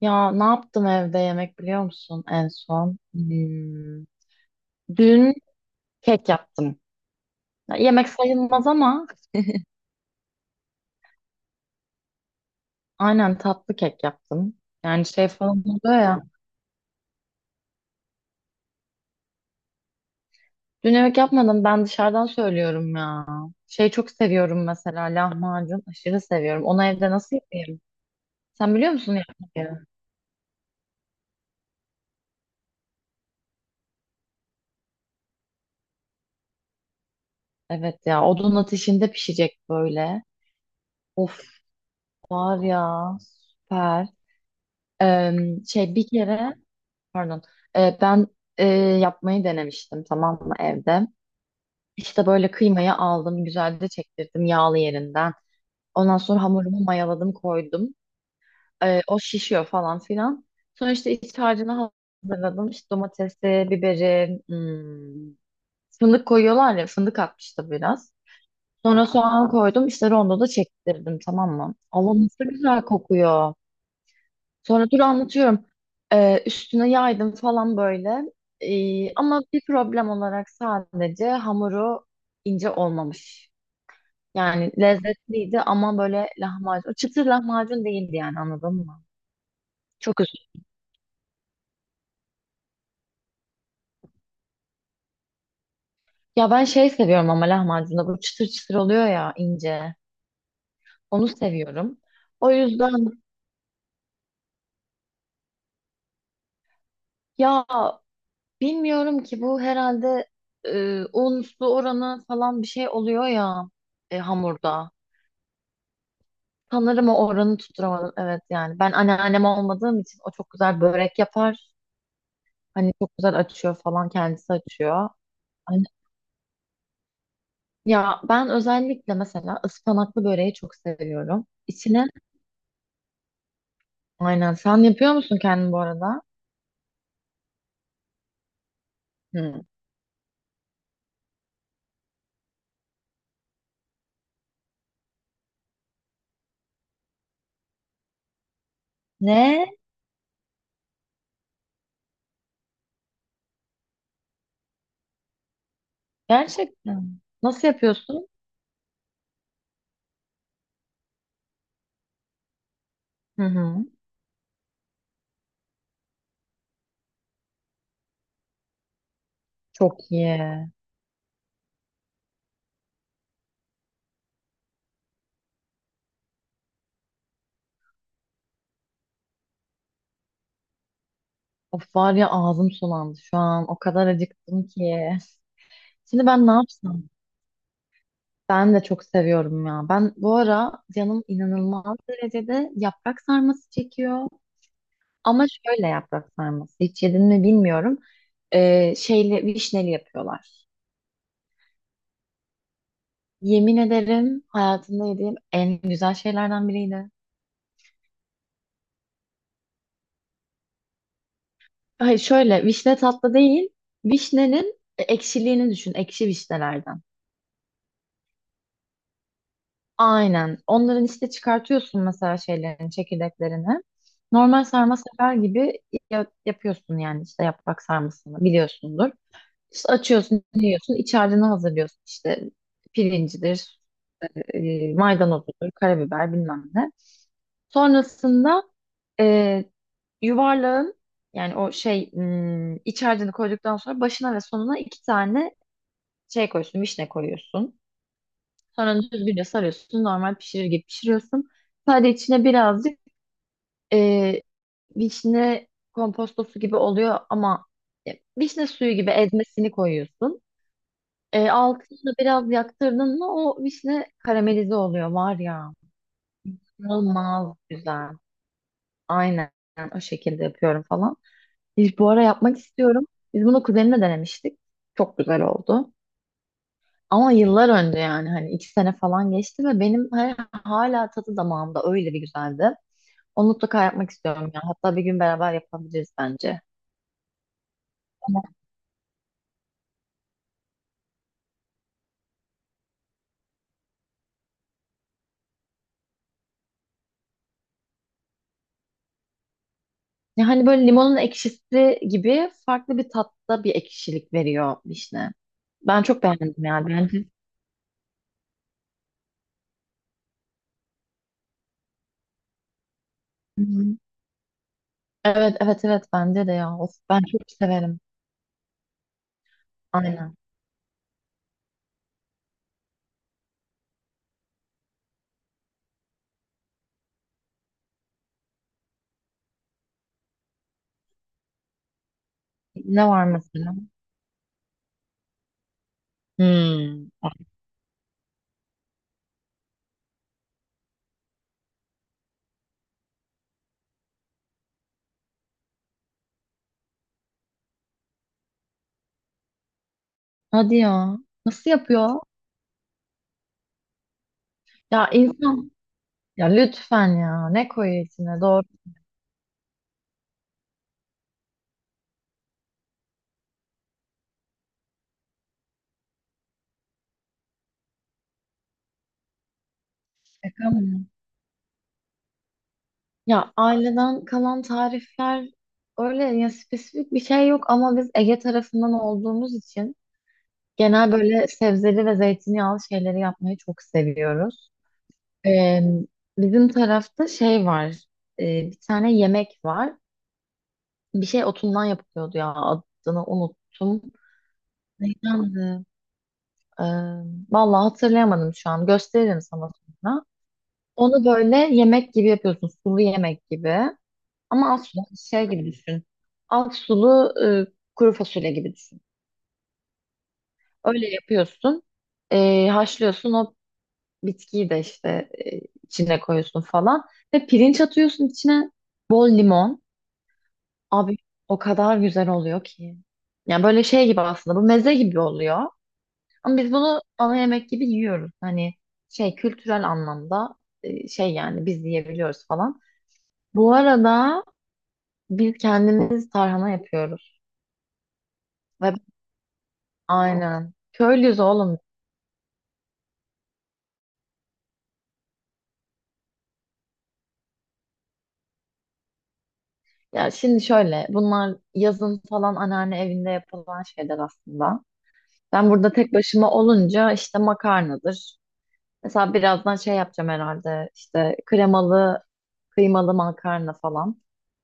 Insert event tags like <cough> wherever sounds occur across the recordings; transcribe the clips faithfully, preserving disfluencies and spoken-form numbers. Ya ne yaptım evde yemek biliyor musun en son? Hmm, Dün kek yaptım. Ya, yemek sayılmaz ama aynen tatlı kek yaptım. Yani şey falan oluyor ya. Dün yemek yapmadım ben dışarıdan söylüyorum ya. Şey çok seviyorum mesela lahmacun aşırı seviyorum. Onu evde nasıl yapayım? Sen biliyor musun yapmayı? Evet ya odun ateşinde pişecek böyle. Of var ya süper. Ee, şey bir kere. Pardon. Ee, ben e, yapmayı denemiştim tamam mı evde. İşte böyle kıymayı aldım, güzelce çektirdim yağlı yerinden. Ondan sonra hamurumu mayaladım, koydum. Ee, o şişiyor falan filan. Sonra işte iç harcını hazırladım. İşte domatesi, biberi, hmm, fındık koyuyorlar ya, fındık atmıştı biraz. Sonra soğan koydum, işte rondoda çektirdim tamam mı? Allah nasıl güzel kokuyor. Sonra dur anlatıyorum. Ee, üstüne yaydım falan böyle. Ee, ama bir problem olarak sadece hamuru ince olmamış. Yani lezzetliydi ama böyle lahmacun. Çıtır lahmacun değildi yani anladın mı? Çok üzüldüm. Ya ben şey seviyorum ama lahmacunda bu çıtır çıtır oluyor ya ince. Onu seviyorum. O yüzden ya bilmiyorum ki bu herhalde e, un su oranı falan bir şey oluyor ya e, hamurda. Sanırım o oranı tutturamadım. Evet yani ben anneannem olmadığım için o çok güzel börek yapar. Hani çok güzel açıyor falan kendisi açıyor. Hani- ya ben özellikle mesela ıspanaklı böreği çok seviyorum. İçine aynen sen yapıyor musun kendin bu arada? Hı. Ne? Gerçekten. Nasıl yapıyorsun? Hı hı. Çok iyi. Of var ya ağzım sulandı şu an. O kadar acıktım ki. Şimdi ben ne yapsam? Ben de çok seviyorum ya. Ben bu ara canım inanılmaz derecede yaprak sarması çekiyor. Ama şöyle yaprak sarması. Hiç yedin mi bilmiyorum. Ee, şeyle vişneli yapıyorlar. Yemin ederim hayatımda yediğim en güzel şeylerden biriydi. Hayır şöyle vişne tatlı değil. Vişnenin e, ekşiliğini düşün. Ekşi vişnelerden. Aynen. Onların işte çıkartıyorsun mesela şeylerini, çekirdeklerini. Normal sarma sefer gibi ya- yapıyorsun yani işte yaprak sarmasını biliyorsundur. İşte açıyorsun, yiyorsun, iç harcını hazırlıyorsun işte pirincidir, e, e, maydanozudur, karabiber bilmem ne. Sonrasında e, yuvarlağın yani o şey m, iç harcını koyduktan sonra başına ve sonuna iki tane şey koyuyorsun, vişne koyuyorsun. Sonra düzgünce sarıyorsun. Normal pişirir gibi pişiriyorsun. Sadece içine birazcık e, vişne kompostosu gibi oluyor ama e, vişne suyu gibi ezmesini koyuyorsun. E, altını biraz yaktırdın mı o vişne karamelize oluyor var ya. İnanılmaz güzel. Aynen o şekilde yapıyorum falan. Biz bu ara yapmak istiyorum. Biz bunu kuzenimle denemiştik. Çok güzel oldu. Ama yıllar önce yani hani iki sene falan geçti ve benim hala, hala tadı damağımda öyle bir güzeldi. Onu mutlaka yapmak istiyorum ya. Hatta bir gün beraber yapabiliriz bence. Ama ya hani böyle limonun ekşisi gibi farklı bir tatta bir ekşilik veriyor vişne. Ben çok beğendim yani. Bence. Hı hı. Evet evet evet bence de ya. Of, ben çok severim. Aynen. Ne var mesela? Hmm. Hadi ya. Nasıl yapıyor? Ya insan ya lütfen ya ne koyuyor içine doğru. Şaka mı? Ya aileden kalan tarifler öyle ya spesifik bir şey yok ama biz Ege tarafından olduğumuz için genel böyle sebzeli ve zeytinyağlı şeyleri yapmayı çok seviyoruz. Ee, bizim tarafta şey var, e, bir tane yemek var, bir şey otundan yapılıyordu ya adını unuttum. Neydendi? Ee, vallahi hatırlayamadım şu an gösteririm sana sonra. Onu böyle yemek gibi yapıyorsun sulu yemek gibi. Ama Aslı şey gibi düşün. Aksulu e, kuru fasulye gibi düşün. Öyle yapıyorsun. e, haşlıyorsun o bitkiyi de işte e, içine koyuyorsun falan. Ve pirinç atıyorsun içine bol limon. Abi o kadar güzel oluyor ki. Yani böyle şey gibi aslında bu meze gibi oluyor. Ama biz bunu ana yemek gibi yiyoruz. Hani şey kültürel anlamda e, şey yani biz yiyebiliyoruz falan. Bu arada biz kendimiz tarhana yapıyoruz. Ve aynen. Köylüyüz oğlum. Ya şimdi şöyle, bunlar yazın falan anneanne evinde yapılan şeyler aslında. Ben burada tek başıma olunca işte makarnadır. Mesela birazdan şey yapacağım herhalde. İşte kremalı, kıymalı makarna falan.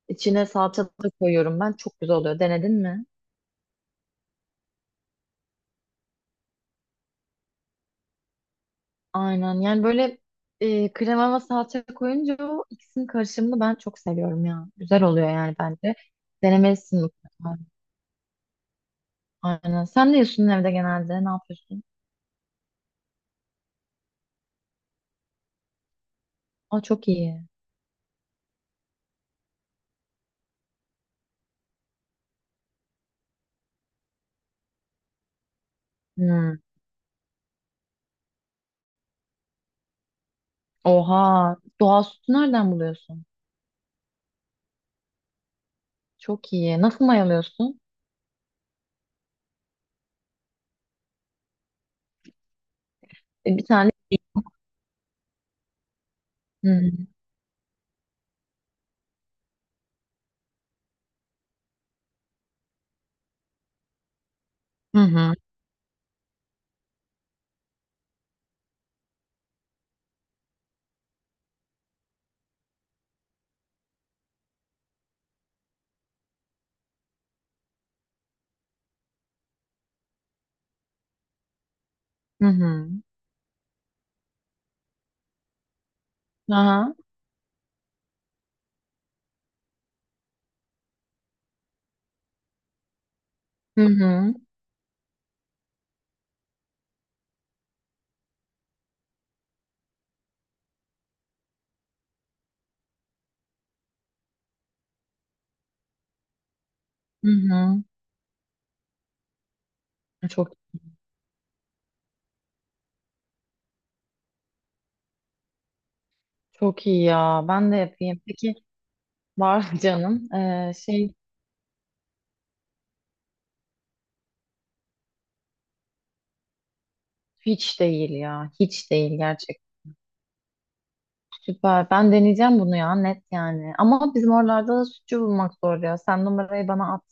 İçine salça da koyuyorum ben. Çok güzel oluyor. Denedin mi? Aynen. Yani böyle e, krema ve salça koyunca o ikisinin karışımını ben çok seviyorum ya. Güzel oluyor yani bence. Denemelisin mutlaka. Aynen. Sen ne yiyorsun evde genelde? Ne yapıyorsun? Aa, çok iyi. Hmm. Oha. Doğal sütü nereden buluyorsun? Çok iyi. Nasıl mayalıyorsun? E, bir tane. Hı hı. Hı hı. Hı. Aha. Hı hı. Hı hı. E, Çok çok iyi ya. Ben de yapayım. Peki var <laughs> canım. Ee, şey hiç değil ya. Hiç değil gerçek. Süper. Ben deneyeceğim bunu ya net yani. Ama bizim oralarda da sütçü bulmak zor ya. Sen numarayı bana at.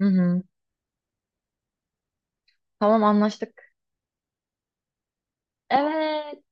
Hı hı. Tamam anlaştık. Evet.